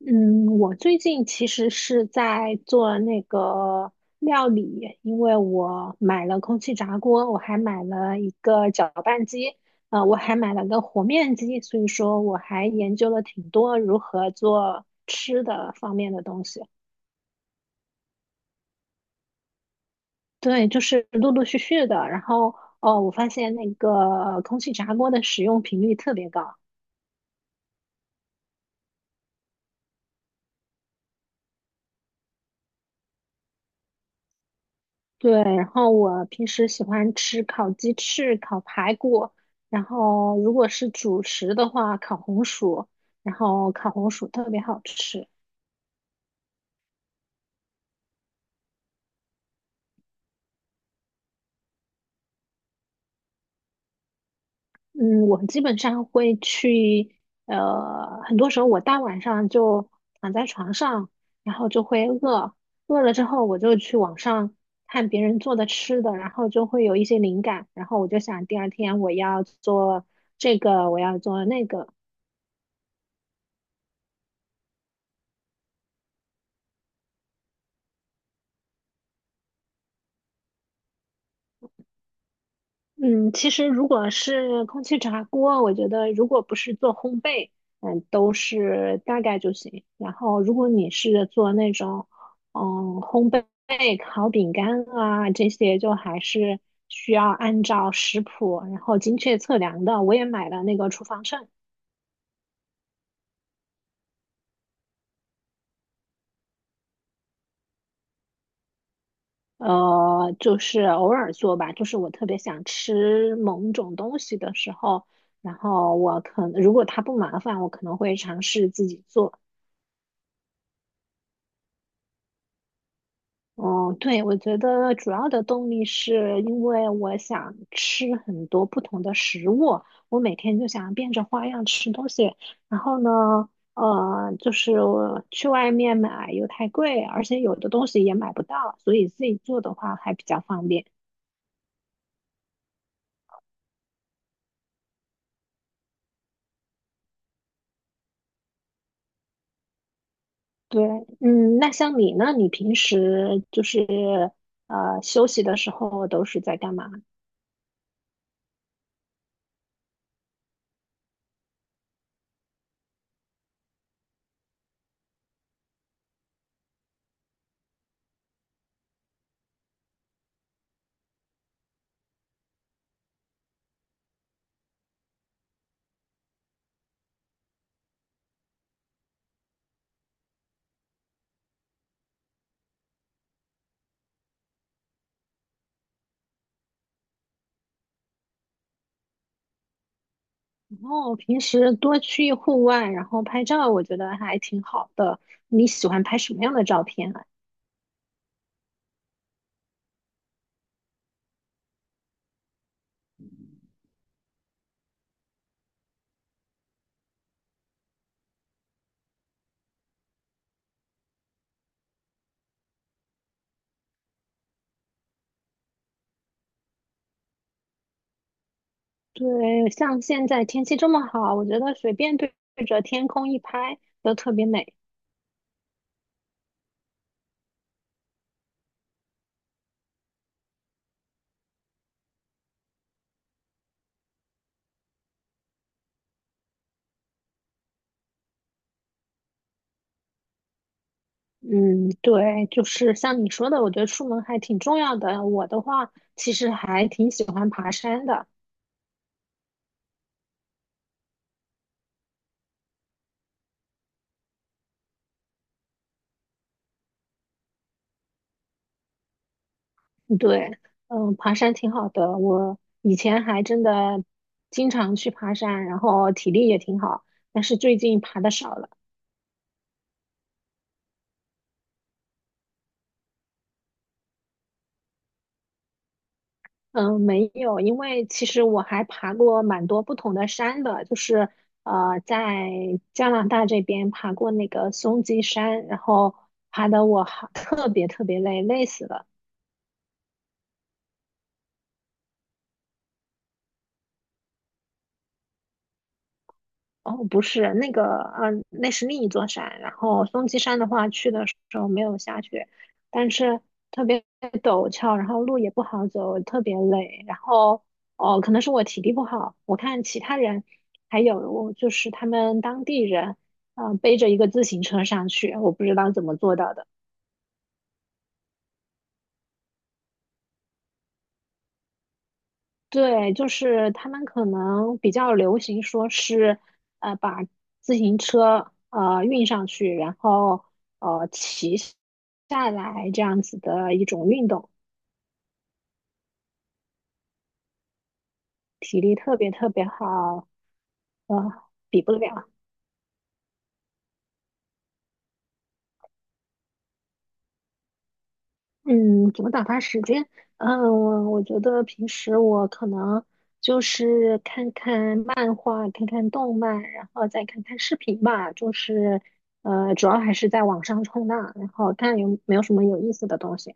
嗯，我最近其实是在做那个料理，因为我买了空气炸锅，我还买了一个搅拌机，我还买了个和面机，所以说我还研究了挺多如何做吃的方面的东西。对，就是陆陆续续的，然后哦，我发现那个空气炸锅的使用频率特别高。对，然后我平时喜欢吃烤鸡翅、烤排骨，然后如果是主食的话，烤红薯，然后烤红薯特别好吃。嗯，我基本上会去，很多时候我大晚上就躺在床上，然后就会饿，饿了之后我就去网上看别人做的吃的，然后就会有一些灵感，然后我就想第二天我要做这个，我要做那个。嗯，其实如果是空气炸锅，我觉得如果不是做烘焙，嗯，都是大概就行。然后如果你是做那种，嗯，烘焙烤饼干啊这些，就还是需要按照食谱，然后精确测量的。我也买了那个厨房秤，就是偶尔做吧，就是我特别想吃某种东西的时候，然后我可能如果它不麻烦，我可能会尝试自己做。哦，对，我觉得主要的动力是因为我想吃很多不同的食物，我每天就想变着花样吃东西。然后呢，就是我去外面买又太贵，而且有的东西也买不到，所以自己做的话还比较方便。对，嗯，那像你呢？你平时就是休息的时候都是在干嘛？然后平时多去户外，然后拍照，我觉得还挺好的。你喜欢拍什么样的照片啊？对，像现在天气这么好，我觉得随便对着天空一拍都特别美。嗯，对，就是像你说的，我觉得出门还挺重要的。我的话，其实还挺喜欢爬山的。对，嗯，爬山挺好的。我以前还真的经常去爬山，然后体力也挺好，但是最近爬的少了。嗯，没有，因为其实我还爬过蛮多不同的山的，就是在加拿大这边爬过那个松鸡山，然后爬的我好特别特别累，累死了。哦，不是那个，嗯、那是另一座山。然后松鸡山的话，去的时候没有下雪，但是特别陡峭，然后路也不好走，特别累。然后，哦，可能是我体力不好，我看其他人，还有就是他们当地人，嗯、背着一个自行车上去，我不知道怎么做到的。对，就是他们可能比较流行说是，把自行车运上去，然后骑下来这样子的一种运动，体力特别特别好，呃，比不了。嗯，怎么打发时间？嗯，我觉得平时我可能就是看看漫画，看看动漫，然后再看看视频吧。就是主要还是在网上冲浪，然后看有没有什么有意思的东西。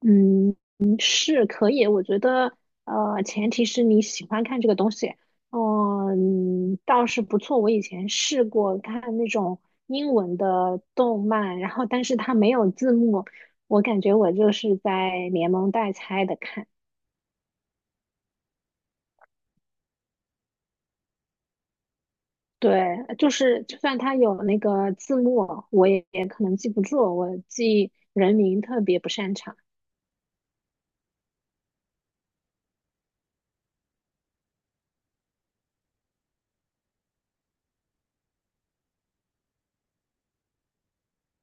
嗯，嗯是可以，我觉得，前提是你喜欢看这个东西，哦嗯，倒是不错。我以前试过看那种英文的动漫，然后但是它没有字幕，我感觉我就是在连蒙带猜的看。对，就是就算它有那个字幕，我也可能记不住，我记人名特别不擅长。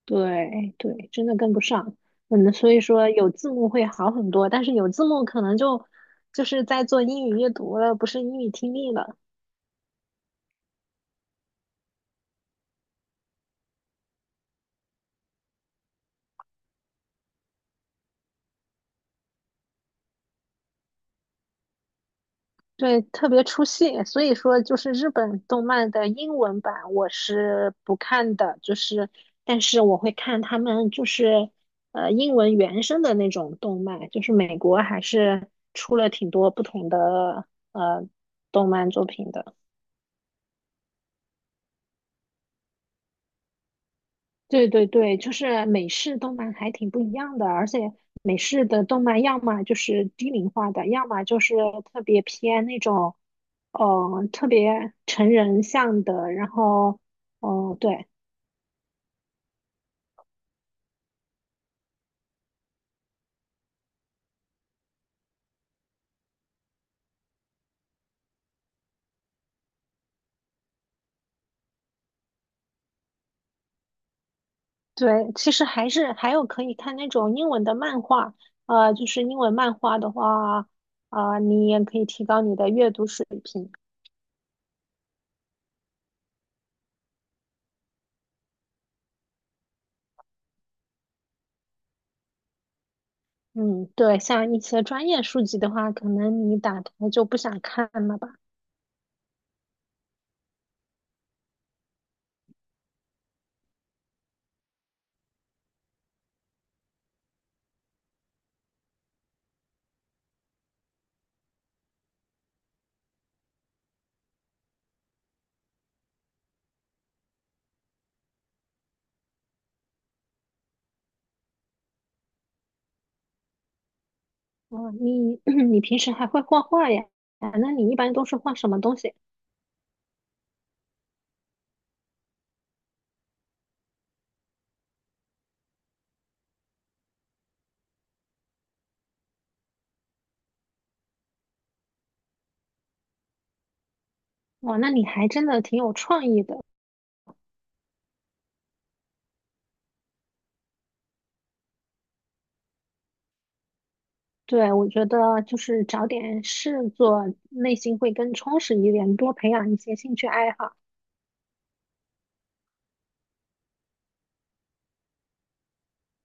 对对，真的跟不上。嗯，所以说有字幕会好很多，但是有字幕可能就就是在做英语阅读了，不是英语听力了。对，特别出戏。所以说，就是日本动漫的英文版我是不看的，就是但是我会看他们就是英文原声的那种动漫，就是美国还是出了挺多不同的呃动漫作品的。对对对，就是美式动漫还挺不一样的，而且美式的动漫要么就是低龄化的，要么就是特别偏那种，特别成人向的。然后，哦、对对，其实还是还有可以看那种英文的漫画，就是英文漫画的话，啊、你也可以提高你的阅读水平。嗯，对，像一些专业书籍的话，可能你打开就不想看了吧。哦，你 你平时还会画画呀？啊，那你一般都是画什么东西？哇，那你还真的挺有创意的。对，我觉得就是找点事做，内心会更充实一点，多培养一些兴趣爱好。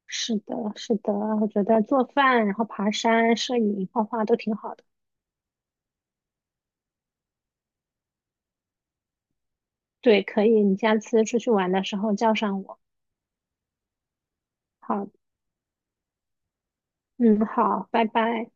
是的，是的，我觉得做饭，然后爬山、摄影、画画都挺好的。对，可以，你下次出去玩的时候叫上我。好，嗯，好，拜拜。